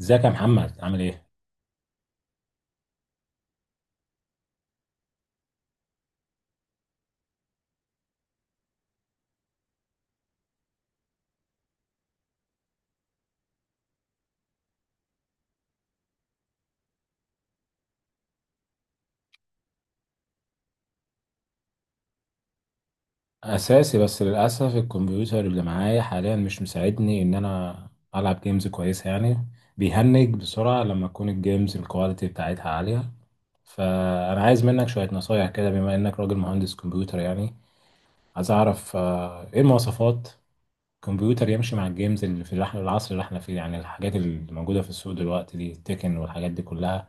ازيك يا محمد، عامل ايه؟ اساسي. بس للاسف الكمبيوتر اللي معايا حاليا مش مساعدني ان انا العب جيمز كويسه يعني. بيهنج بسرعه لما تكون الجيمز الكواليتي بتاعتها عاليه. فانا عايز منك شويه نصايح كده، بما انك راجل مهندس كمبيوتر يعني. عايز اعرف ايه المواصفات كمبيوتر يمشي مع الجيمز اللي في العصر اللي احنا فيه، يعني الحاجات اللي موجوده في السوق دلوقتي دي تكن والحاجات دي كلها،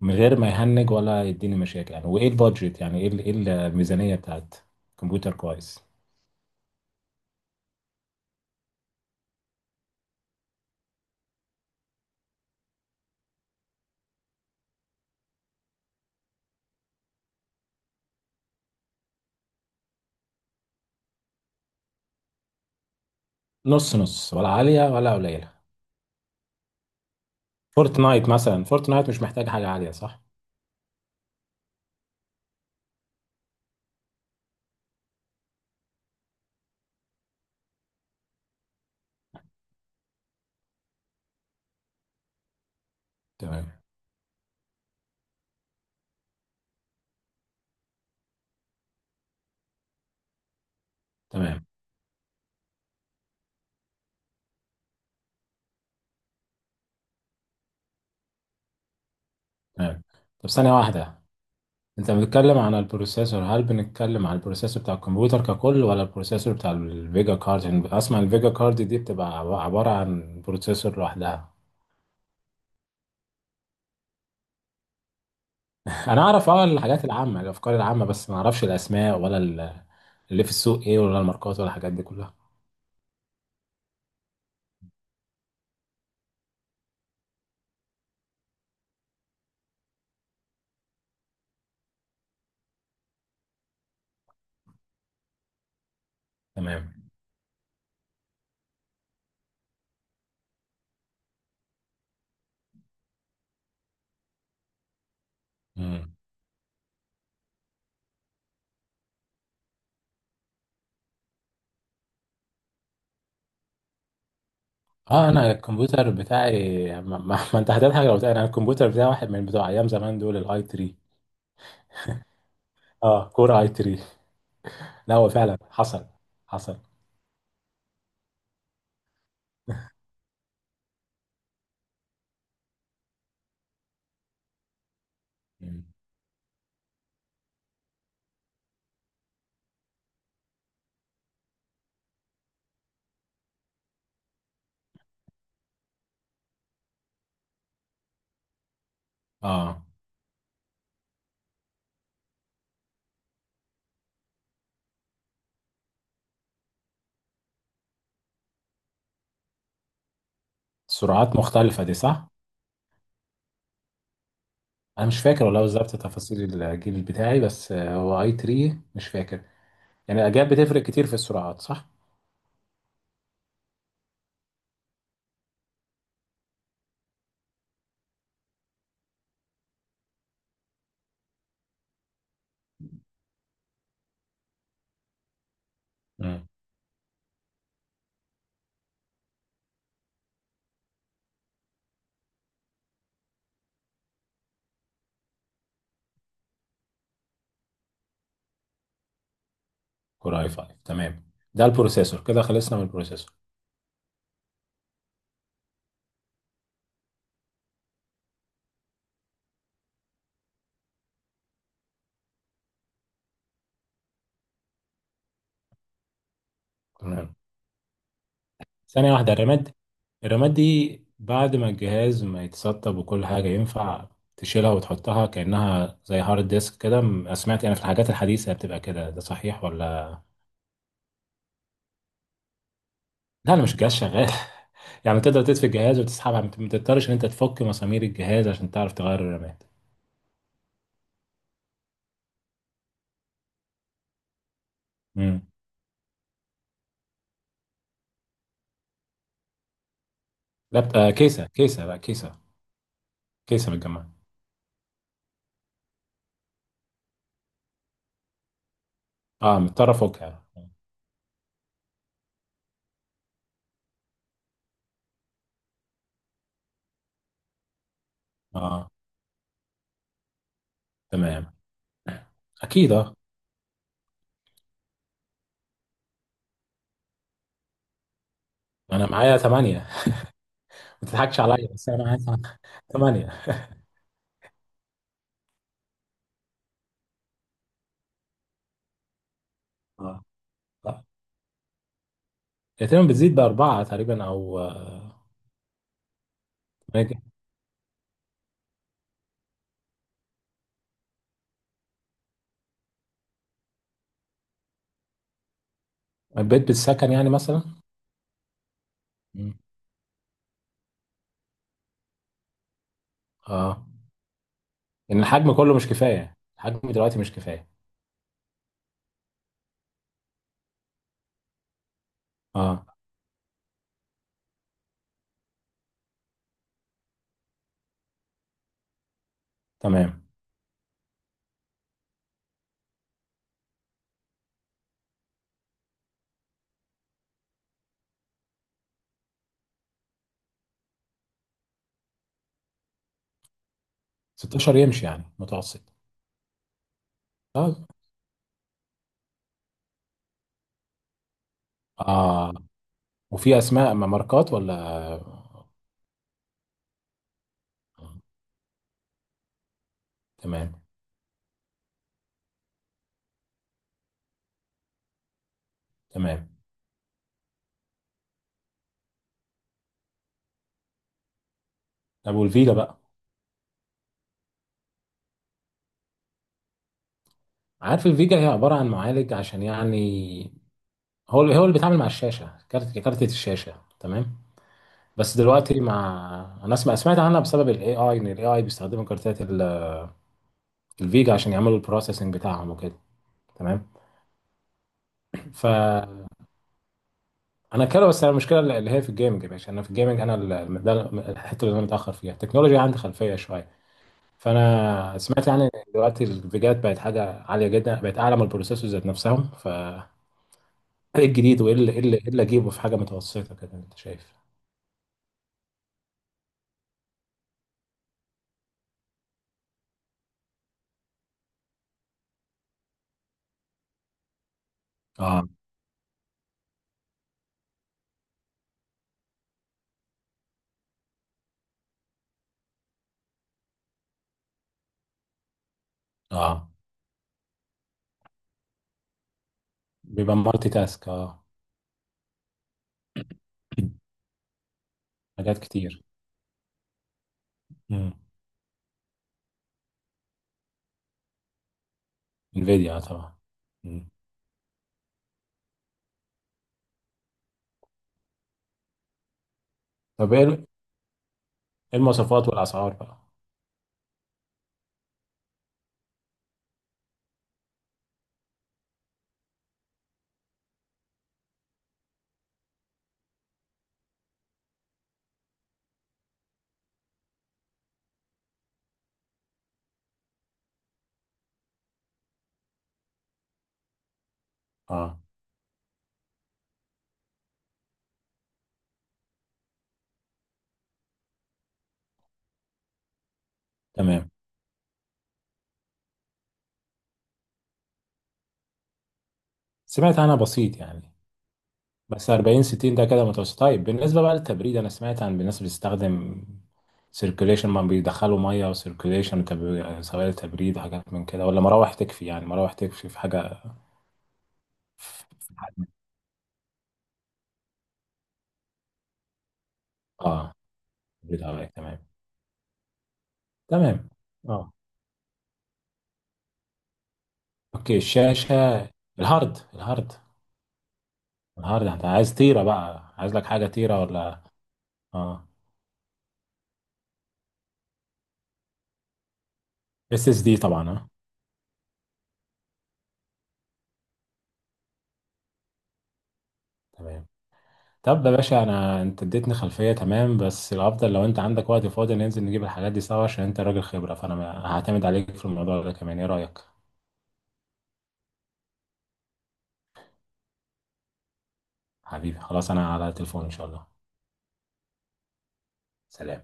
من غير ما يهنج ولا يديني مشاكل يعني. وايه البادجت، يعني ايه إيه الميزانيه بتاعت كمبيوتر كويس؟ نص نص ولا عاليه ولا قليله؟ فورتنايت مثلا، فورتنايت مش محتاج حاجه عاليه، صح؟ تمام. تمام. تمام. طب ثانيه واحده، انت بتتكلم عن البروسيسور، هل بنتكلم عن البروسيسور بتاع الكمبيوتر ككل ولا البروسيسور بتاع الفيجا كارد؟ يعني اسمع، الفيجا كارد دي بتبقى عباره عن بروسيسور لوحدها. انا اعرف اه الحاجات العامه، الافكار العامه، بس ما اعرفش الاسماء ولا اللي في السوق ايه، ولا الماركات ولا الحاجات دي كلها. تمام. مم. اه انا الكمبيوتر بتاعي، ما انت هتضحك لو بتاعي. انا الكمبيوتر بتاعي واحد من بتوع ايام زمان دول، الاي 3. اه، كور اي 3. لا هو فعلا حصل. حصل. مم. اه سرعات مختلفه دي، صح؟ انا مش فاكر والله بالظبط تفاصيل الجيل بتاعي، بس هو اي 3 مش فاكر. يعني الاجيال بتفرق كتير في السرعات، صح؟ مم. كور اي 5، تمام. ده البروسيسور، كده خلصنا من البروسيسور. تمام. ثانية واحدة، الرامات. الرامات دي بعد ما الجهاز ما يتسطب وكل حاجة، ينفع تشيلها وتحطها كأنها زي هارد ديسك كده؟ سمعت يعني في الحاجات الحديثة بتبقى كده، ده صحيح ولا؟ لا، أنا مش جهاز شغال. يعني تقدر تطفي الجهاز وتسحبها، ما تضطرش إن أنت تفك مسامير الجهاز عشان تعرف تغير الرامات. امم. لا، كيسة. كيسة، لا كيسة. كيسة متجمعة. اه، مضطر أفكها. اه. تمام. أكيد اه. انا معايا ثمانية. ما تضحكش عليا، بس انا معايا ثمانية. اه. لا، هي تقريبا بتزيد بأربعة تقريبا، او ممكن. البيت بالسكن يعني مثلا. مم. اه، ان الحجم كله مش كفاية، الحجم دلوقتي مش كفاية. اه. تمام. 16 يمشي يعني متوسط. طب. اه، وفي اسماء ماركات ولا؟ تمام. تمام. طب والفيجا بقى؟ عارف، الفيجا هي عبارة عن معالج، عشان يعني هو هو اللي بيتعامل مع الشاشة، كارت، كارتة الشاشة، تمام. بس دلوقتي مع، انا اسمع سمعت عنها بسبب الاي اي، ان الاي اي بيستخدموا كارتات الفيجا عشان يعملوا البروسيسنج بتاعهم وكده. تمام. فانا كده. بس انا المشكله اللي هي في الجيمنج يا باشا، انا في الجيمنج انا ده الحته اللي انا متاخر فيها، التكنولوجيا عندي خلفيه شويه. فانا سمعت يعني إن دلوقتي الفيجات بقت حاجه عاليه جدا، بقت اعلى من البروسيسورز ذات نفسهم. ف ايه الجديد، وايه اللي اجيبه في حاجه متوسطه كده، انت شايف؟ اه. اه، بيبقى مالتي تاسك، اه. حاجات كتير. انفيديا، آه طبعا. مم. طب ايه، إيه المواصفات والاسعار بقى؟ اه. تمام. سمعت عنها بسيط يعني. بس 4060 ده كده متوسط. طيب بالنسبه بقى للتبريد، انا سمعت عن الناس بتستخدم سيركوليشن، ما بيدخلوا ميه وسيركوليشن سوائل تبريد، حاجات من كده، ولا مراوح تكفي يعني؟ مراوح تكفي في حاجه. اه. تبريد عليك، تمام. تمام. اه. اوكي، الشاشه، الهارد، الهارد. الهارد انت عايز تيره بقى، عايز لك حاجه تيره ولا؟ اه. اس اس دي طبعا، اه. تمام. طب يا باشا، انا انت اديتني خلفيه تمام، بس الافضل لو انت عندك وقت فاضي ننزل نجيب الحاجات دي سوا، عشان انت راجل خبره فانا هعتمد عليك في الموضوع ده كمان. ايه رايك؟ حبيبي خلاص، انا على التليفون ان شاء الله. سلام.